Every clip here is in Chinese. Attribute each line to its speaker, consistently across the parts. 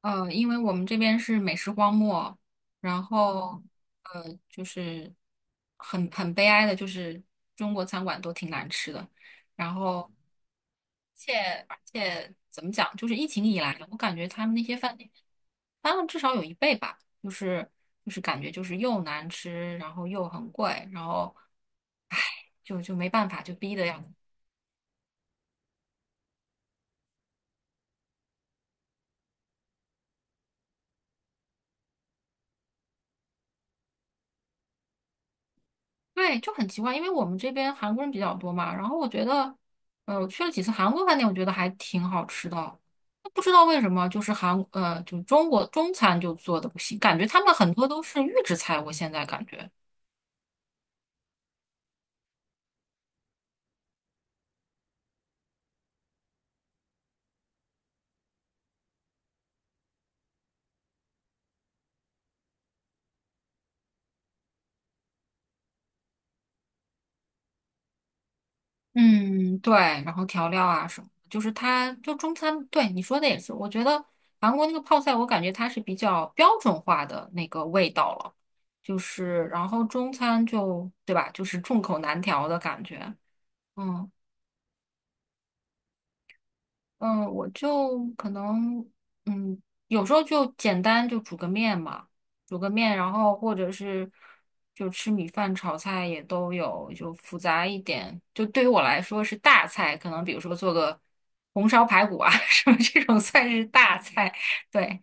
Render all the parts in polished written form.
Speaker 1: 因为我们这边是美食荒漠，然后呃，就是很悲哀的，就是中国餐馆都挺难吃的。然后，而且怎么讲，就是疫情以来，我感觉他们那些饭店翻了至少有一倍吧，就是感觉就是又难吃，然后又很贵，然后唉，就没办法，就逼的样子。对，就很奇怪，因为我们这边韩国人比较多嘛，然后我觉得，我去了几次韩国饭店，我觉得还挺好吃的，不知道为什么，就是就中餐就做的不行，感觉他们很多都是预制菜，我现在感觉，嗯，对，然后调料啊什么的就是它就中餐，对你说的也是，我觉得韩国那个泡菜，我感觉它是比较标准化的那个味道了，就是然后中餐就，对吧，就是众口难调的感觉。嗯。嗯，我就可能，嗯，有时候就简单就煮个面嘛，煮个面，然后或者是就吃米饭、炒菜也都有，就复杂一点。就对于我来说是大菜，可能比如说做个红烧排骨啊 什么这种算是大菜。对，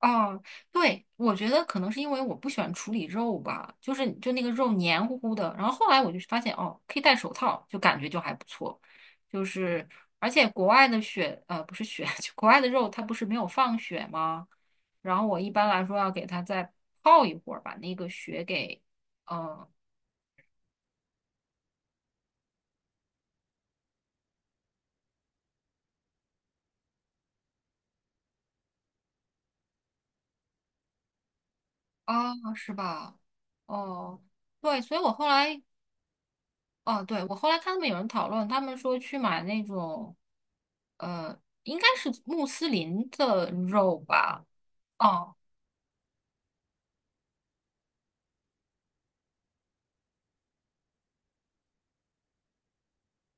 Speaker 1: 哦，对，我觉得可能是因为我不喜欢处理肉吧，就是就那个肉黏糊糊的。然后后来我就发现，哦，可以戴手套，就感觉就还不错。就是而且国外的血，不是血，就国外的肉它不是没有放血吗？然后我一般来说要给它再泡一会儿，把那个血给，嗯、啊，是吧？哦，对，所以我后来哦，对，我后来看他们有人讨论，他们说去买那种，应该是穆斯林的肉吧。哦，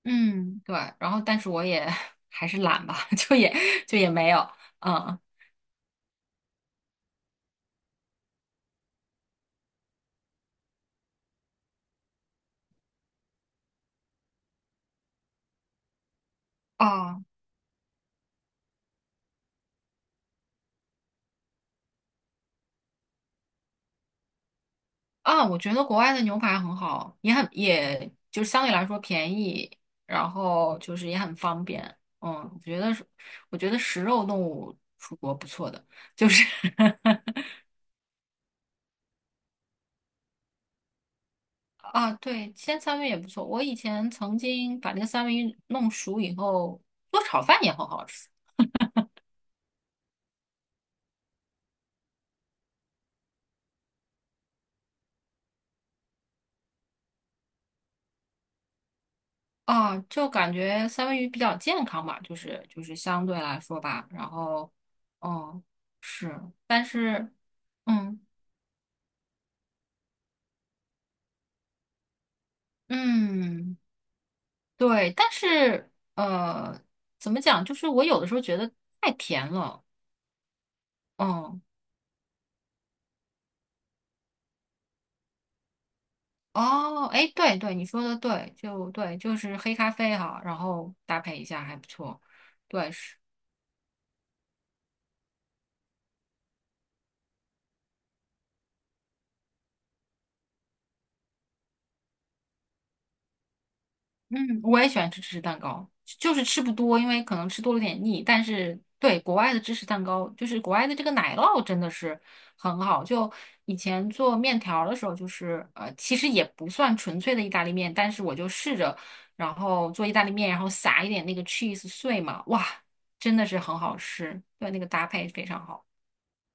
Speaker 1: 嗯，对，然后但是我也 还是懒吧，就也没有，嗯，哦，啊，我觉得国外的牛排很好，也就是相对来说便宜，然后就是也很方便，嗯，我觉得是，我觉得食肉动物出国不错的，就是 啊，对，煎三文鱼也不错。我以前曾经把那个三文鱼弄熟以后，做炒饭也很好吃啊，就感觉三文鱼比较健康吧，就是相对来说吧。然后，哦，是，但是，嗯嗯，对，但是怎么讲？就是我有的时候觉得太甜了，嗯。哦，哎，对对，你说的对，就对，就是黑咖啡哈，然后搭配一下还不错，对，是。嗯，我也喜欢吃芝士蛋糕，就是吃不多，因为可能吃多了有点腻。但是对国外的芝士蛋糕，就是国外的这个奶酪真的是很好。就以前做面条儿的时候，就是其实也不算纯粹的意大利面，但是我就试着，然后做意大利面，然后撒一点那个 cheese 碎嘛，哇，真的是很好吃，对，那个搭配非常好。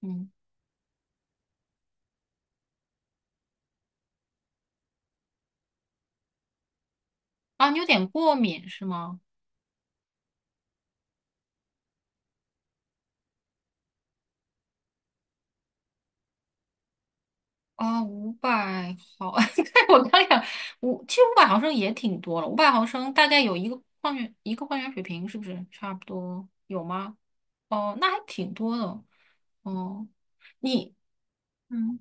Speaker 1: 嗯，啊，你有点过敏是吗？啊，五百毫，对，我刚想其实五百毫升也挺多了，五百毫升大概有一个矿泉水瓶，是不是差不多有吗？哦，那还挺多的。哦，你，嗯，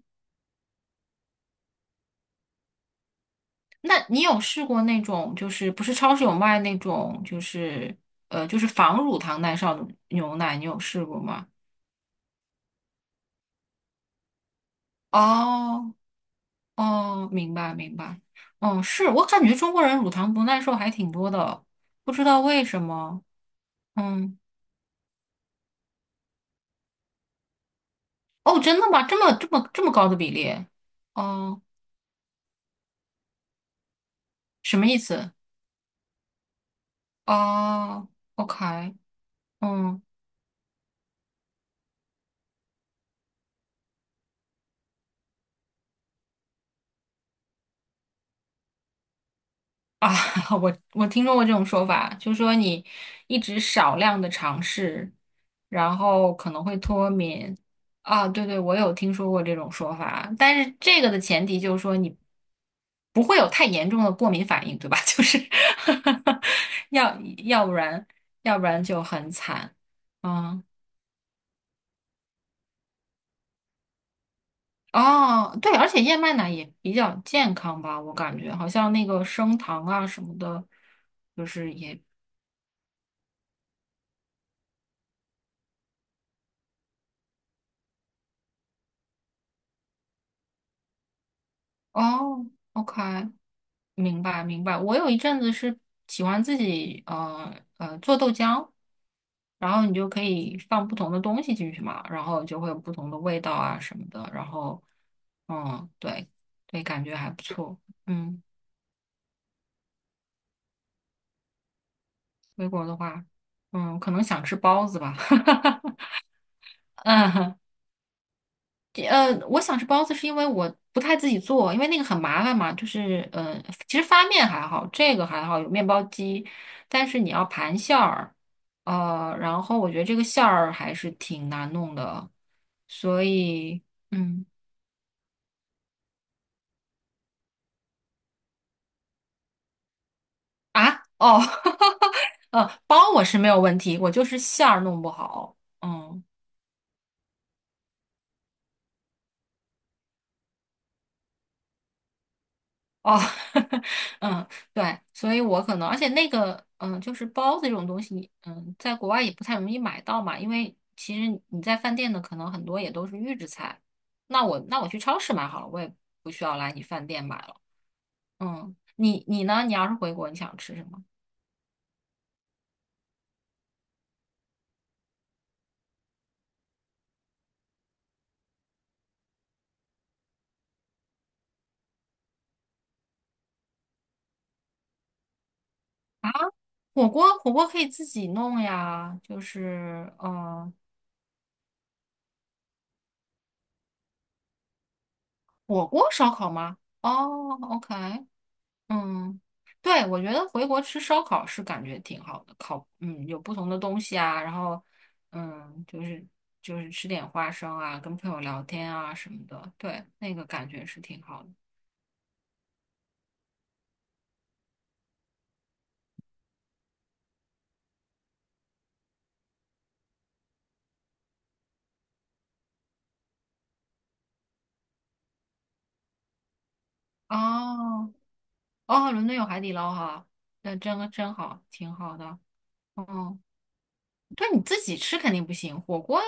Speaker 1: 那你有试过那种，就是不是超市有卖那种，就是就是防乳糖耐受的牛奶，你有试过吗？哦，哦，明白明白。哦，是我感觉中国人乳糖不耐受还挺多的，不知道为什么。嗯，哦，真的吗？这么高的比例？哦，什么意思？哦，OK，嗯啊，我听说过这种说法，就说你一直少量的尝试，然后可能会脱敏。啊，对对，我有听说过这种说法，但是这个的前提就是说你不会有太严重的过敏反应，对吧？就是 要要不然要不然就很惨。嗯。哦，对，而且燕麦奶也比较健康吧，我感觉好像那个升糖啊什么的，就是也哦，OK，明白明白。我有一阵子是喜欢自己做豆浆，然后你就可以放不同的东西进去嘛，然后就会有不同的味道啊什么的，然后嗯，对对，感觉还不错。嗯，回国的话，嗯，可能想吃包子吧。嗯，我想吃包子是因为我不太自己做，因为那个很麻烦嘛。就是其实发面还好，这个还好，有面包机，但是你要盘馅儿，然后我觉得这个馅儿还是挺难弄的，所以嗯啊哦，包我是没有问题，我就是馅儿弄不好，嗯。哦，嗯，对，所以我可能，而且那个，嗯，就是包子这种东西，嗯，在国外也不太容易买到嘛，因为其实你在饭店的可能很多也都是预制菜。那我去超市买好了，我也不需要来你饭店买了。嗯，你呢？你要是回国，你想吃什么？火锅，火锅可以自己弄呀，就是，嗯，火锅烧烤吗？哦，OK，嗯，对，我觉得回国吃烧烤是感觉挺好的，烤，嗯，有不同的东西啊，然后，嗯，就是吃点花生啊，跟朋友聊天啊什么的，对，那个感觉是挺好的。哦，哦，伦敦有海底捞哈，那真好，挺好的。哦，对，你自己吃肯定不行，火锅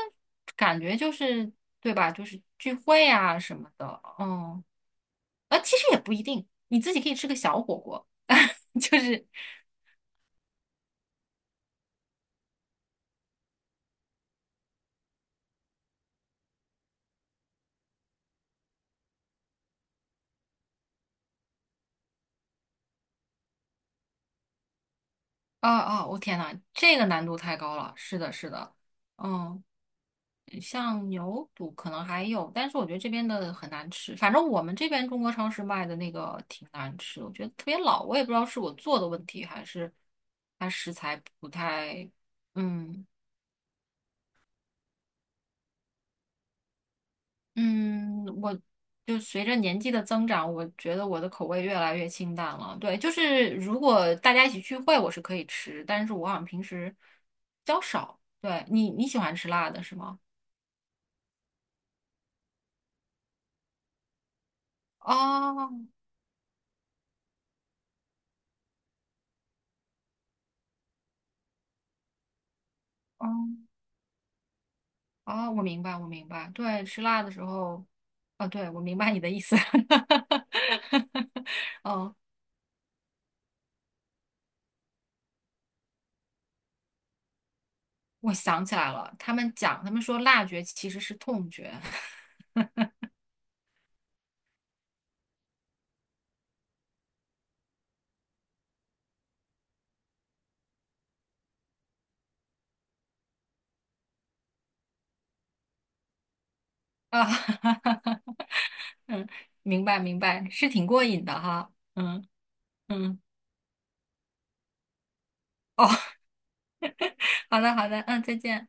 Speaker 1: 感觉就是，对吧？就是聚会啊什么的，嗯，其实也不一定，你自己可以吃个小火锅。就是啊啊！我天呐，这个难度太高了。是的，是的，嗯，像牛肚可能还有，但是我觉得这边的很难吃。反正我们这边中国超市卖的那个挺难吃，我觉得特别老。我也不知道是我做的问题，还是它食材不太……嗯嗯，我就随着年纪的增长，我觉得我的口味越来越清淡了。对，就是如果大家一起聚会，我是可以吃，但是我好像平时比较少。对，你喜欢吃辣的是吗？哦，哦，哦，我明白，我明白。对，吃辣的时候，哦，对，我明白你的意思。哦，我想起来了，他们说辣觉其实是痛觉 啊，哈哈哈嗯，明白，明白，是挺过瘾的哈，嗯嗯，哦，好的，好的，嗯，再见。